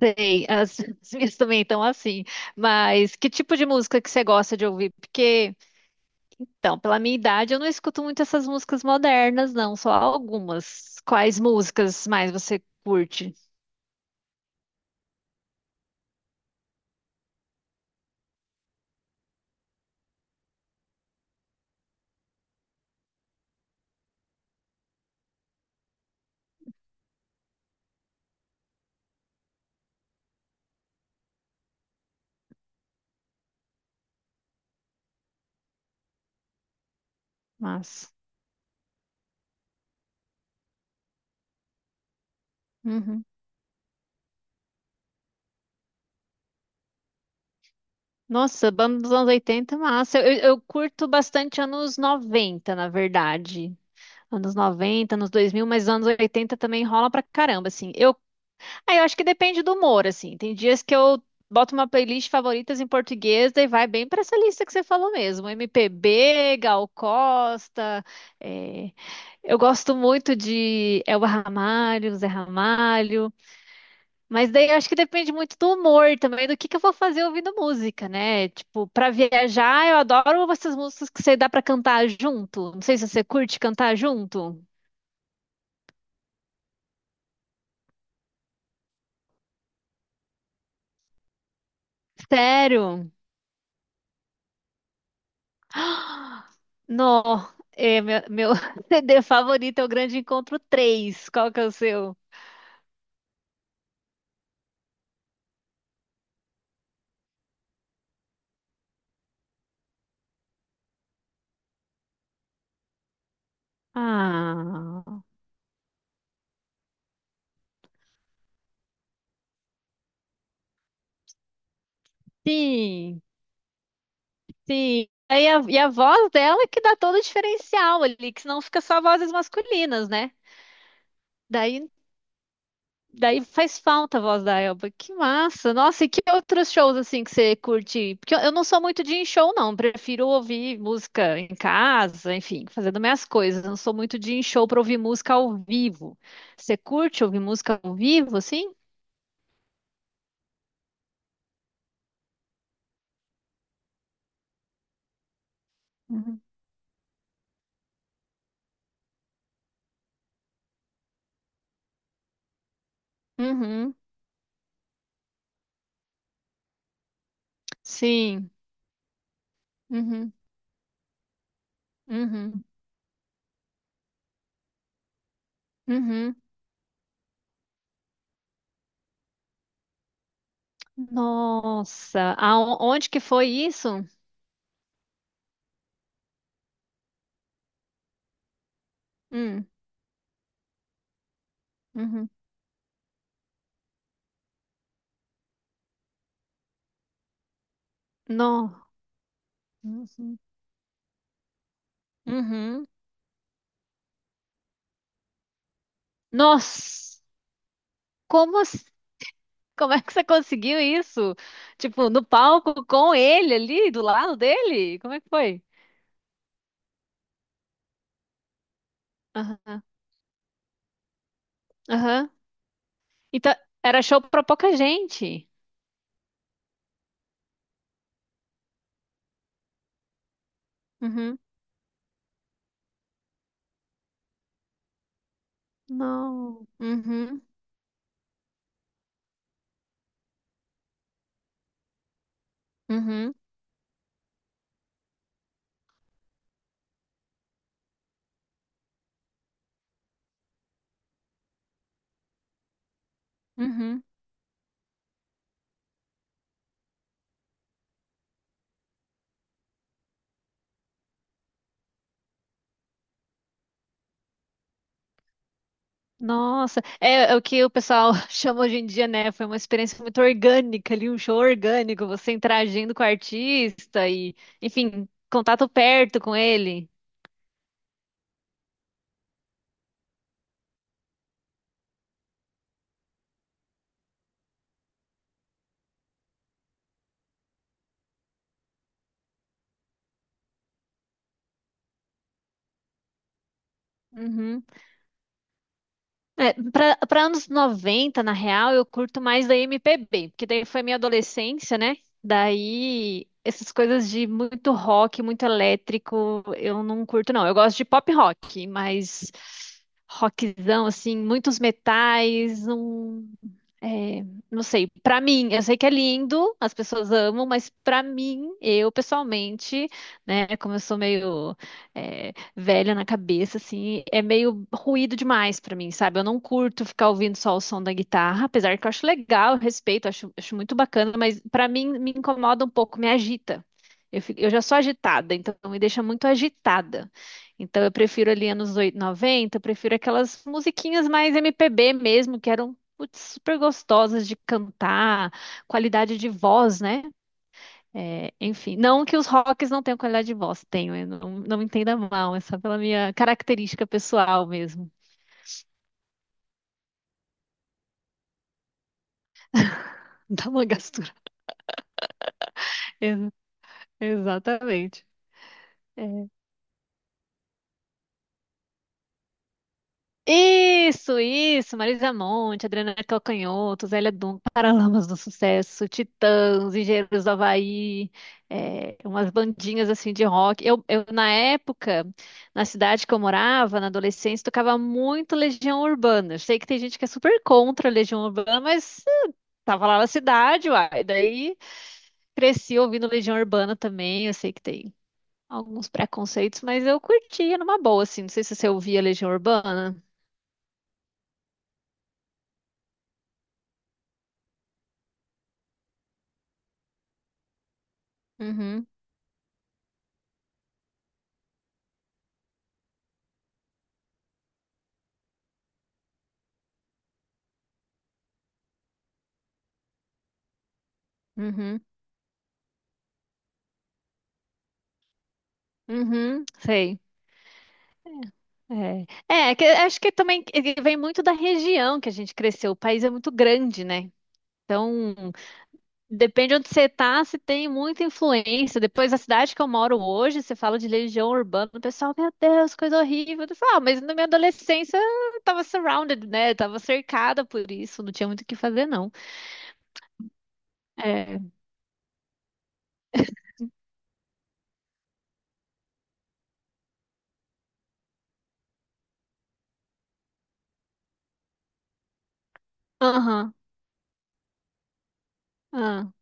Sei, as minhas também estão assim. Mas que tipo de música que você gosta de ouvir? Porque, então, pela minha idade, eu não escuto muito essas músicas modernas, não, só algumas. Quais músicas mais você curte? Mas, uhum. Nossa, banda dos anos 80, massa. Eu curto bastante anos 90, na verdade. Anos 90, anos 2000, mas anos 80 também rola pra caramba, assim. Eu Aí eu acho que depende do humor, assim. Tem dias que eu boto uma playlist favoritas em português, daí vai bem pra essa lista que você falou mesmo. MPB, Gal Costa. é, Eu gosto muito de Elba Ramalho, Zé Ramalho. Mas daí eu acho que depende muito do humor também, do que eu vou fazer ouvindo música, né? Tipo, pra viajar, eu adoro essas músicas que você dá pra cantar junto. Não sei se você curte cantar junto. Sério? Nó, meu CD favorito é o Grande Encontro três. Qual que é o seu? Ah, sim, sim. E a voz dela é que dá todo o diferencial ali, que senão fica só vozes masculinas, né? Daí Daí faz falta a voz da Elba. Que massa! Nossa, e que outros shows assim que você curte? Porque eu não sou muito de ir em show, não. Prefiro ouvir música em casa, enfim, fazendo minhas coisas. Eu Não sou muito de ir em show para ouvir música ao vivo. Você curte ouvir música ao vivo, assim? Uhum. Uhum, sim. Uhum, uhum, uhum. Nossa, aonde que foi isso? Hum, uhum. No. Uhum. Uhum. Nossa, como Como é que você conseguiu isso? Tipo, no palco com ele ali, do lado dele? Como é que foi? Aham, aham. Então, era show pra pouca gente. Uhum. Não. Uhum, uhum, uhum. Nossa, é o que o pessoal chama hoje em dia, né? Foi uma experiência muito orgânica ali, um show orgânico, você interagindo com o artista e, enfim, contato perto com ele. Uhum. É, para anos 90 na real, eu curto mais da MPB, porque daí foi minha adolescência, né? Daí essas coisas de muito rock, muito elétrico, eu não curto não. Eu gosto de pop rock, mas rockzão assim, muitos metais, é, não sei, pra mim, eu sei que é lindo, as pessoas amam, mas pra mim, eu pessoalmente, né, como eu sou meio velha na cabeça, assim, é meio ruído demais pra mim, sabe? Eu não curto ficar ouvindo só o som da guitarra, apesar que eu acho legal, eu respeito, acho, acho muito bacana, mas pra mim me incomoda um pouco, me agita. Eu já sou agitada, então me deixa muito agitada. Então eu prefiro ali anos 8, 90, eu prefiro aquelas musiquinhas mais MPB mesmo, que eram putz, super gostosas de cantar, qualidade de voz, né? É, enfim, não que os rocks não tenham qualidade de voz, tenho, eu não, não me entenda mal, é só pela minha característica pessoal mesmo, da mangastura. Ex- Exatamente. Isso, Marisa Monte, Adriana Calcanhoto, Zélia Duncan, Paralamas do Sucesso, Titãs, Engenheiros do Havaí, umas bandinhas assim de rock. Na época, na cidade que eu morava, na adolescência, tocava muito Legião Urbana. Eu sei que tem gente que é super contra a Legião Urbana, mas tava lá na cidade, uai. Daí cresci ouvindo Legião Urbana também, eu sei que tem alguns preconceitos, mas eu curtia numa boa, assim. Não sei se você ouvia Legião Urbana. Uhum. Uhum. Uhum, sei. É, é que, acho que também ele vem muito da região que a gente cresceu. O país é muito grande, né? Então, depende onde você tá, se tem muita influência. Depois, a cidade que eu moro hoje, você fala de legião urbana, o pessoal, meu Deus, coisa horrível. Eu falo, ah, mas na minha adolescência eu tava surrounded, né? Eu tava cercada por isso, não tinha muito o que fazer, não. É. Aham. Ah.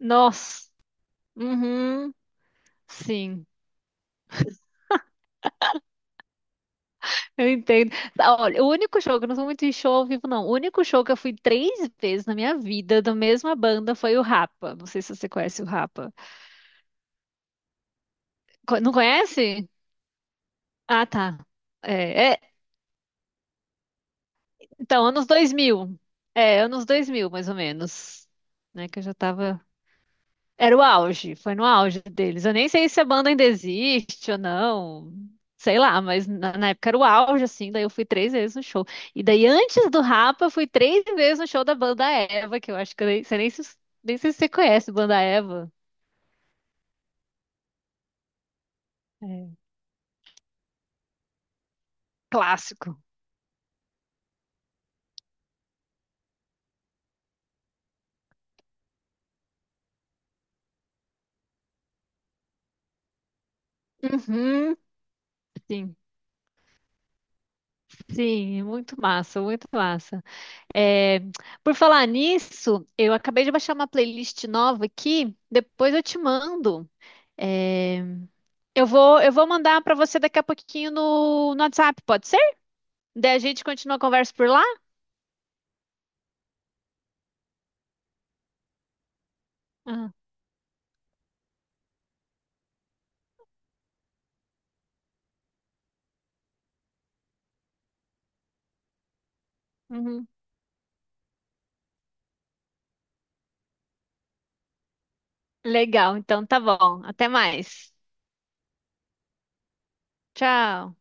Nossa. Uhum. Sim. Eu entendo. Ah, olha, o único show, que eu não sou muito em show ao vivo, não. O único show que eu fui três vezes na minha vida da mesma banda foi o Rapa. Não sei se você conhece o Rapa. Não conhece? Ah, tá. É, é, então, anos 2000. É, anos dois mil mais ou menos. Né, que eu já tava. Era o auge, foi no auge deles. Eu nem sei se a banda ainda existe ou não, sei lá, mas na época era o auge, assim. Daí eu fui três vezes no show. E daí antes do Rapa, eu fui três vezes no show da banda Eva, que eu acho que eu nem, você nem, nem sei se você conhece banda Eva. É. Clássico. Uhum, sim, sim, muito massa, muito massa. É, por falar nisso, eu acabei de baixar uma playlist nova aqui, depois eu te mando. É, eu vou mandar para você daqui a pouquinho no WhatsApp, pode ser? Daí a gente continua a conversa por lá? Ah, uhum. Legal, então tá bom. Até mais. Tchau.